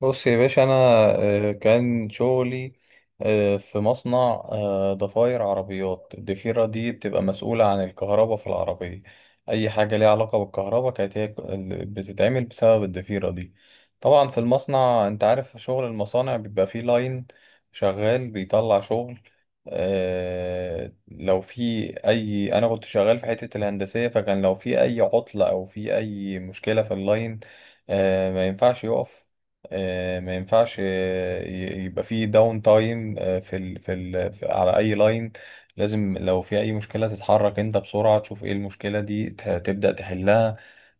بص يا باشا، انا كان شغلي في مصنع ضفاير عربيات. الضفيرة دي بتبقى مسؤولة عن الكهرباء في العربية. اي حاجة ليها علاقة بالكهرباء كانت هي بتتعمل بسبب الضفيرة دي. طبعا في المصنع انت عارف شغل المصانع بيبقى فيه لاين شغال بيطلع شغل. آه، لو في اي انا كنت شغال في حتة الهندسية، فكان لو في اي عطلة او في اي مشكلة في اللاين، ما ينفعش يقف، آه، ما ينفعش آه، ي- يبقى في داون تايم على اي لاين. لازم لو في اي مشكله تتحرك انت بسرعه، تشوف ايه المشكله دي تبدا تحلها.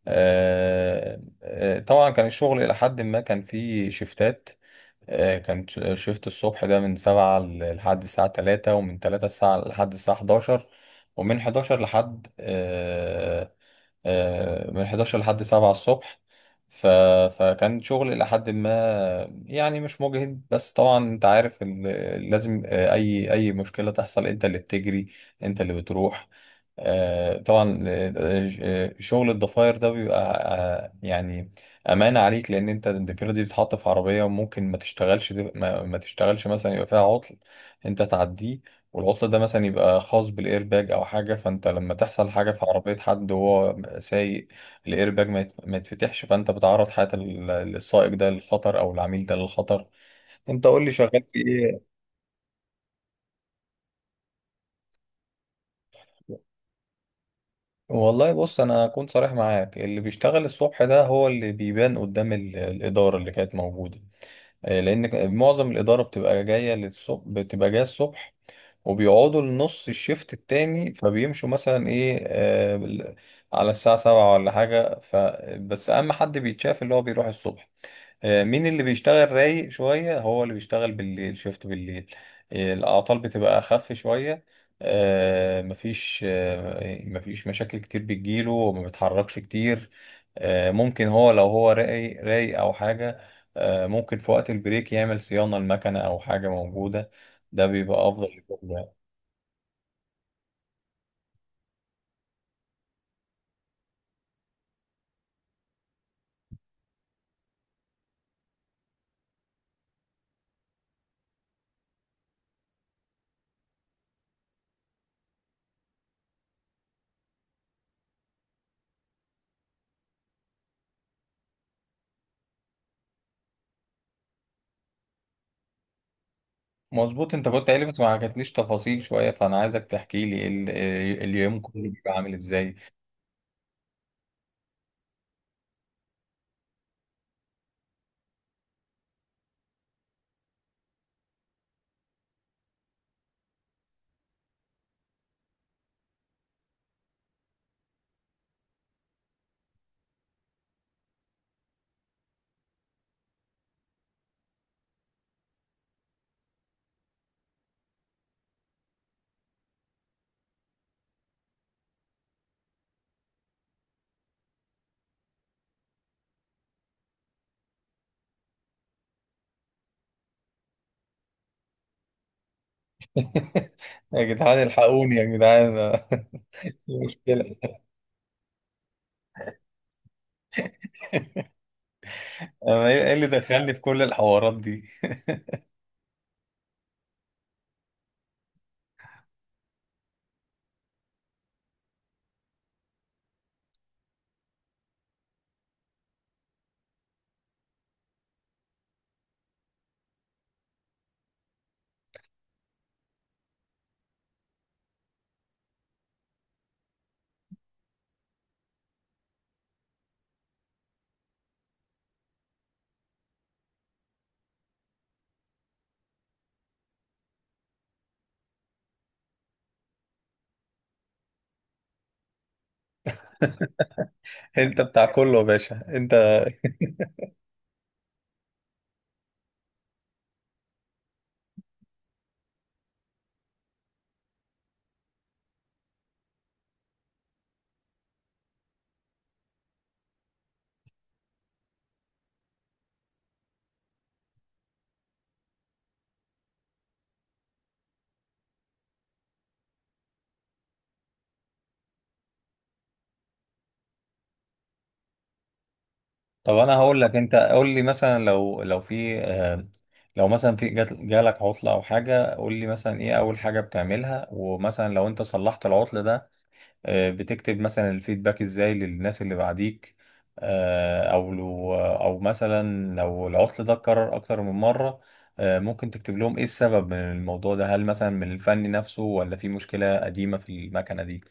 طبعا كان الشغل الى حد ما كان فيه شيفتات. شيفت الصبح ده من 7 لحد الساعة 3، ومن 3 الساعة لحد الساعة 11، ومن 11 لحد آه، آه، من 11 لحد 7 الصبح. ف... فكان شغل إلى حد ما، يعني مش مجهد، بس طبعا أنت عارف إن لازم، أي مشكلة تحصل أنت اللي بتجري، أنت اللي بتروح. طبعا. شغل الضفاير ده بيبقى يعني أمانة عليك، لأن أنت الضفيرة دي بتتحط في عربية وممكن ما تشتغلش مثلا، يبقى فيها عطل أنت تعديه، والعطل ده مثلا يبقى خاص بالايرباج او حاجه. فانت لما تحصل حاجه في عربيه حد وهو سايق الايرباج ما يتفتحش، فانت بتعرض حياه السائق ده للخطر، او العميل ده للخطر. انت قول لي شغال في ايه؟ والله بص، انا اكون صريح معاك، اللي بيشتغل الصبح ده هو اللي بيبان قدام الاداره اللي كانت موجوده، لان معظم الاداره بتبقى جايه للصبح، بتبقى جايه الصبح، وبيقعدوا لنص الشيفت التاني فبيمشوا مثلا على الساعة 7 ولا حاجة. بس أهم حد بيتشاف اللي هو بيروح الصبح. مين اللي بيشتغل رايق شوية؟ هو اللي بيشتغل بالليل، شيفت بالليل. الأعطال بتبقى أخف شوية. مفيش مشاكل كتير بتجيله وما بيتحركش كتير. ممكن هو، لو هو رايق رايق أو حاجة، ممكن في وقت البريك يعمل صيانة المكنة أو حاجة موجودة. ده بيبقى أفضل. مظبوط، انت كنت قايل لي بس ما حكيتليش تفاصيل شويه، فانا عايزك تحكي لي إيه اليوم كله بيبقى عامل ازاي؟ يا جدعان الحقوني، يا جدعان! دي مشكله. انا إيه اللي دخلني في كل الحوارات دي؟ انت بتاع كله يا باشا، انت! طب انا هقول لك، انت قول لي مثلا لو في لو مثلا في جالك عطله او حاجه، قول لي مثلا ايه اول حاجه بتعملها، ومثلا لو انت صلحت العطل ده، بتكتب مثلا الفيدباك ازاي للناس اللي بعديك؟ آه، او لو او مثلا لو العطل ده اتكرر اكتر من مرة، ممكن تكتب لهم ايه السبب من الموضوع ده؟ هل مثلا من الفني نفسه، ولا في مشكلة قديمة في المكنة دي؟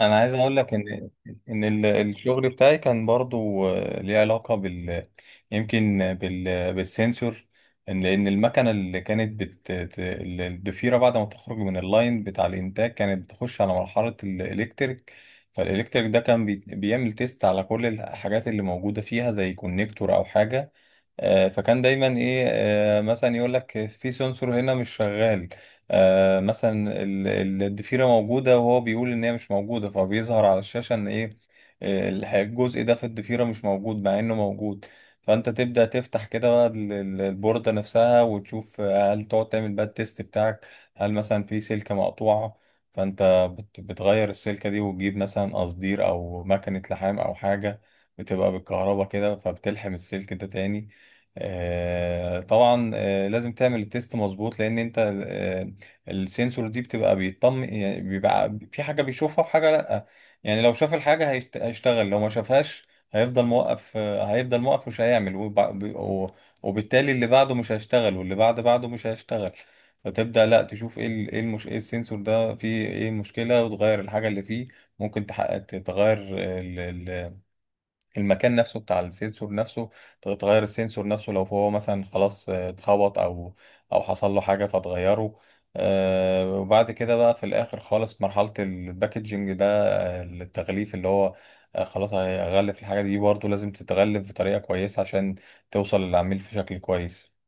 انا عايز اقول لك ان الشغل بتاعي كان برضو ليه علاقه بال يمكن بال بالسنسور لان المكنه اللي كانت الضفيره بعد ما تخرج من اللاين بتاع الانتاج كانت بتخش على مرحله الالكتريك. فالالكتريك ده كان بيعمل تيست على كل الحاجات اللي موجوده فيها، زي كونكتور او حاجه. فكان دايما ايه، مثلا يقول لك في سنسور هنا مش شغال. مثلا الضفيره موجوده وهو بيقول ان هي مش موجوده، فبيظهر على الشاشه ان ايه، الجزء ده في الضفيره مش موجود مع انه موجود. فانت تبدا تفتح كده بقى البورده نفسها وتشوف هل تقعد تعمل بقى التيست بتاعك، هل مثلا في سلكه مقطوعه؟ فانت بتغير السلكه دي، وتجيب مثلا قصدير او مكنه لحام او حاجه بتبقى بالكهرباء كده، فبتلحم السلك ده تاني. طبعا لازم تعمل التيست مظبوط، لان انت آه، السنسور دي بتبقى بيطمن، يعني بيبقى في حاجه بيشوفها وحاجه لا. يعني لو شاف الحاجه هيشتغل، لو ما شافهاش هيفضل موقف مش هيعمل، وبالتالي اللي بعده مش هيشتغل واللي بعد بعده مش هيشتغل. فتبدأ لا تشوف ايه ايه السensor ده فيه ايه المشكلة، وتغير الحاجة اللي فيه. ممكن تحقق تغير المكان نفسه بتاع السنسور نفسه، تغير السنسور نفسه لو هو مثلا خلاص اتخبط او حصل له حاجه فتغيره. وبعد كده بقى في الاخر خالص مرحله الباكجينج ده، التغليف اللي هو خلاص هيغلف الحاجه دي. برضه لازم تتغلف بطريقه كويسه عشان توصل للعميل في شكل كويس.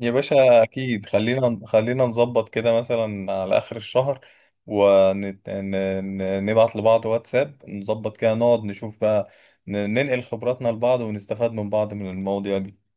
يا باشا اكيد، خلينا خلينا نظبط كده مثلا على اخر الشهر، ونبعت لبعض واتساب، نظبط كده نقعد نشوف بقى، ننقل خبراتنا لبعض ونستفاد من بعض من المواضيع دي.